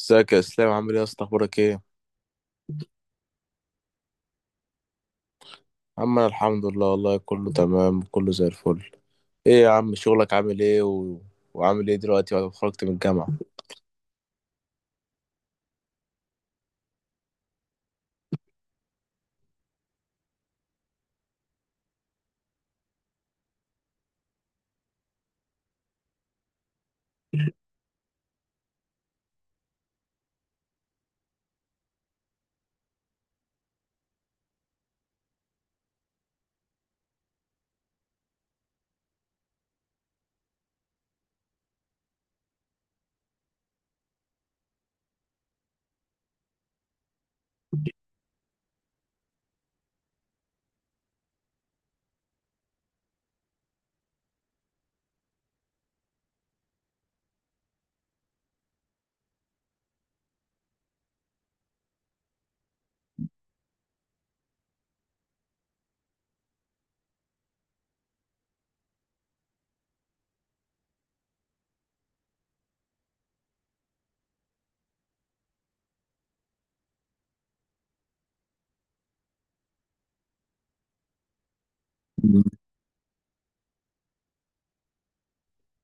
ازيك يا اسلام؟ عامل ايه يا اسطى؟ اخبارك ايه؟ عم انا الحمد لله والله كله تمام، كله زي الفل. ايه يا عم شغلك عامل ايه وعامل ايه دلوقتي بعد ما خرجت من الجامعه؟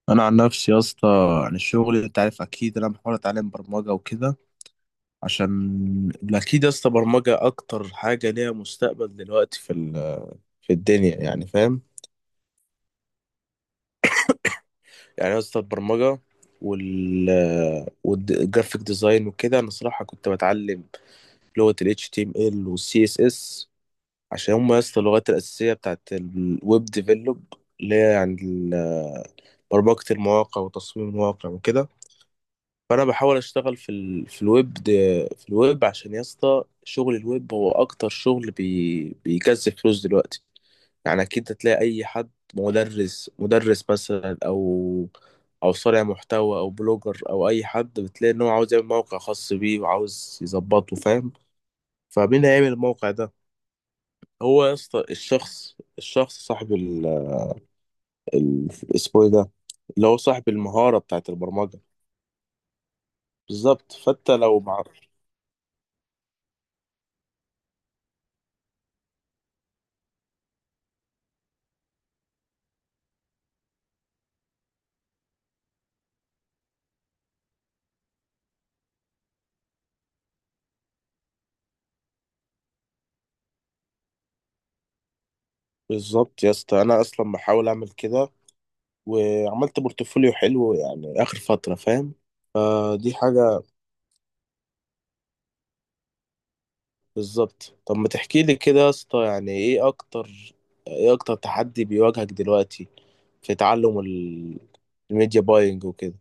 انا عن نفسي يا اسطى يعني الشغل انت عارف، اكيد انا بحاول اتعلم برمجه وكده عشان اكيد يا اسطى برمجه اكتر حاجه ليها مستقبل دلوقتي في الدنيا يعني، فاهم؟ يعني يا اسطى البرمجه وال والجرافيك ديزاين وكده، انا صراحه كنت بتعلم لغه ال HTML وال CSS عشان هم يا اسطى اللغات الأساسية بتاعت الويب ديفلوب، اللي هي يعني ال- برمجة المواقع وتصميم المواقع وكده. فأنا بحاول أشتغل في الويب دي، في الويب، عشان يا اسطى شغل الويب هو أكتر شغل بيكسب فلوس دلوقتي. يعني أكيد هتلاقي أي حد، مدرس مثلا، أو أو صانع محتوى أو بلوجر أو أي حد، بتلاقي إن هو عاوز يعمل موقع خاص بيه وعاوز يظبطه، فاهم؟ فمين هيعمل الموقع ده؟ هو يا اسطى الشخص صاحب ال- اسمه ايه ده، اللي هو صاحب المهارة بتاعت البرمجة. بالظبط، فانت لو مع. بالظبط يا اسطى انا اصلا بحاول اعمل كده، وعملت بورتفوليو حلو يعني اخر فترة، فاهم؟ فدي حاجة. بالظبط. طب ما تحكي لي كده يا اسطى، يعني ايه اكتر تحدي بيواجهك دلوقتي في تعلم الميديا باينج وكده؟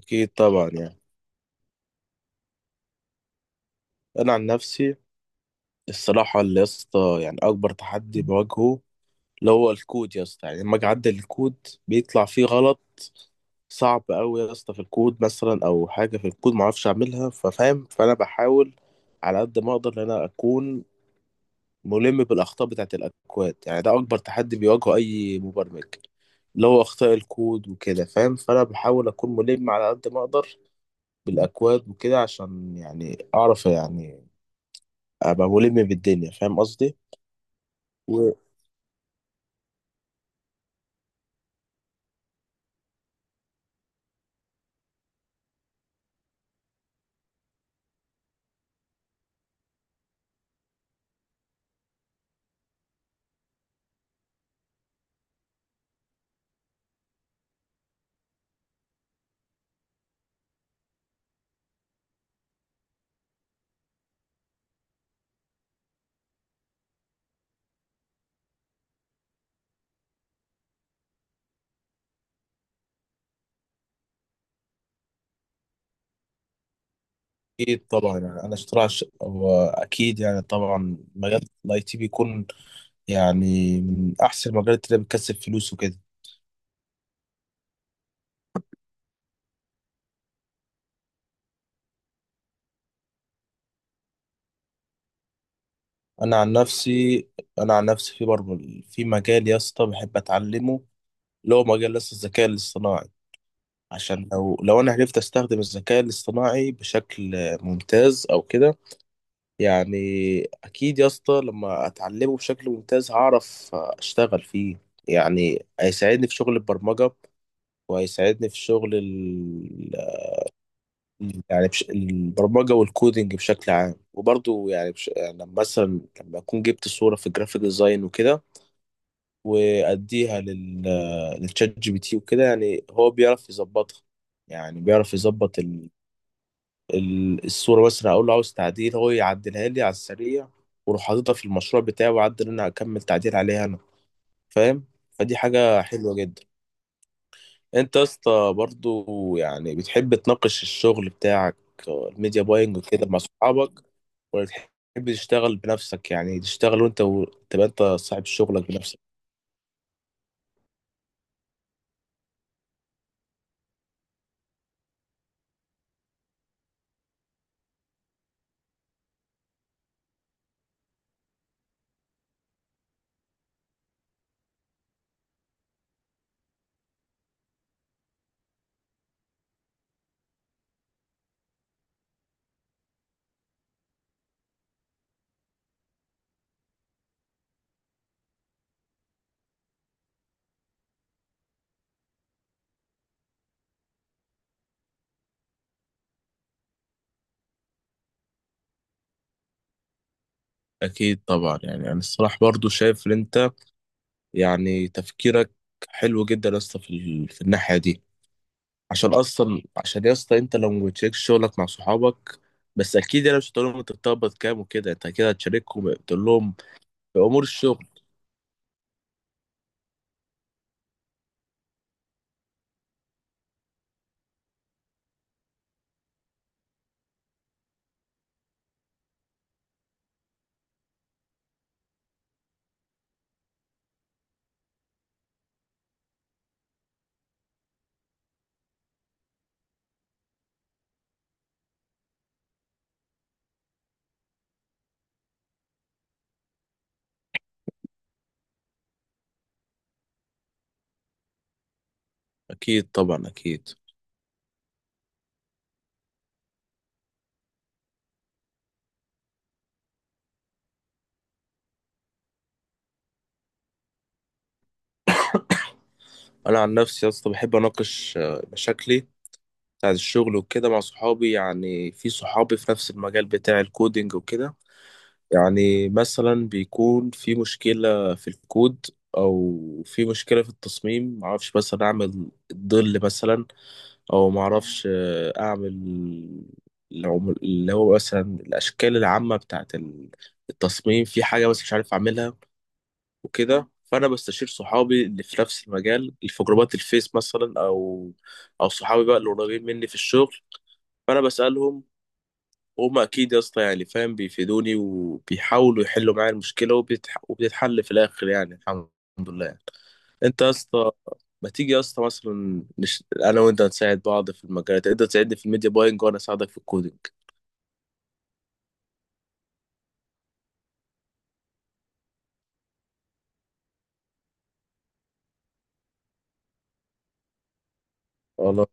اكيد طبعا يعني. انا عن نفسي الصراحة اللي يا اسطى يعني أكبر تحدي بواجهه اللي هو الكود يا اسطى، يعني لما اجي اعدل الكود بيطلع فيه غلط صعب قوي يا اسطى في الكود، مثلا او حاجه في الكود ما اعرفش اعملها، ففاهم؟ فانا بحاول على قد ما اقدر ان انا اكون ملم بالاخطاء بتاعه الاكواد، يعني ده اكبر تحدي بيواجهه اي مبرمج، اللي هو اخطاء الكود وكده، فاهم؟ فانا بحاول اكون ملم على قد ما اقدر بالاكواد وكده عشان يعني اعرف يعني ابقى ملم بالدنيا، فاهم قصدي؟ اكيد طبعا. يعني انا اشتراك، هو اكيد يعني طبعا مجال الاي تي بيكون يعني من احسن المجالات اللي بتكسب فلوس وكده. انا عن نفسي انا عن نفسي في برضه في مجال يا اسطى بحب اتعلمه، اللي هو مجال لسه الذكاء الاصطناعي، عشان لو انا عرفت استخدم الذكاء الاصطناعي بشكل ممتاز او كده، يعني اكيد يا اسطى لما اتعلمه بشكل ممتاز هعرف اشتغل فيه، يعني هيساعدني في شغل البرمجة وهيساعدني يعني البرمجة والكودينج بشكل عام. وبرضو يعني, يعني لما مثلا لما أكون جبت صورة في الجرافيك ديزاين وكده، وأديها للشات جي بي تي وكده، يعني هو بيعرف يظبطها، يعني بيعرف يظبط الصورة. مثلا أقول له عاوز تعديل، هو يعدلها لي على السريع، وأروح حاططها في المشروع بتاعي وأعدل، أنا أكمل تعديل عليها أنا، فاهم؟ فدي حاجة حلوة جدا. انت يا اسطى برضو يعني بتحب تناقش الشغل بتاعك، الميديا باينج وكده، مع صحابك؟ ولا تحب تشتغل بنفسك، يعني تشتغل تبقى انت صاحب شغلك بنفسك؟ اكيد طبعا. يعني انا الصراحه برضو شايف ان انت يعني تفكيرك حلو جدا يا اسطى في, في الناحيه دي، عشان اصلا، عشان يا اسطى انت لو ما بتشاركش شغلك مع صحابك. بس اكيد انا مش هتقول لهم انت بتقبض كام وكده، انت كده هتشاركهم تقول لهم في امور الشغل. اكيد طبعا، اكيد. انا عن نفسي يا اسطى بحب اناقش مشاكلي بتاعت الشغل وكده مع صحابي، يعني في صحابي في نفس المجال بتاع الكودينج وكده. يعني مثلا بيكون في مشكلة في الكود، او في مشكلة في التصميم، معرفش مثلا اعمل الظل مثلا، او معرفش اعمل اللي هو مثلا الاشكال العامة بتاعت التصميم في حاجة، بس مش عارف اعملها وكده. فانا بستشير صحابي اللي في نفس المجال، اللي في جروبات الفيس مثلا، او او صحابي بقى اللي قريبين مني في الشغل، فانا بسالهم، وهم اكيد يا اسطى يعني فاهم بيفيدوني وبيحاولوا يحلوا معايا المشكله، وبتتحل في الاخر، يعني الحمد لله يعني. انت يا اسطى، ما تيجي يا اسطى مثلا انا وانت نساعد بعض في المجالات، انت تساعدني في الميديا باينج وانا اساعدك في الكودينج. خلاص،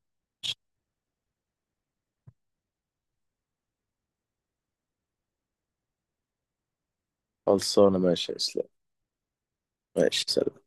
خلصانه، ماشي يا اسلام. ماشي، سلام.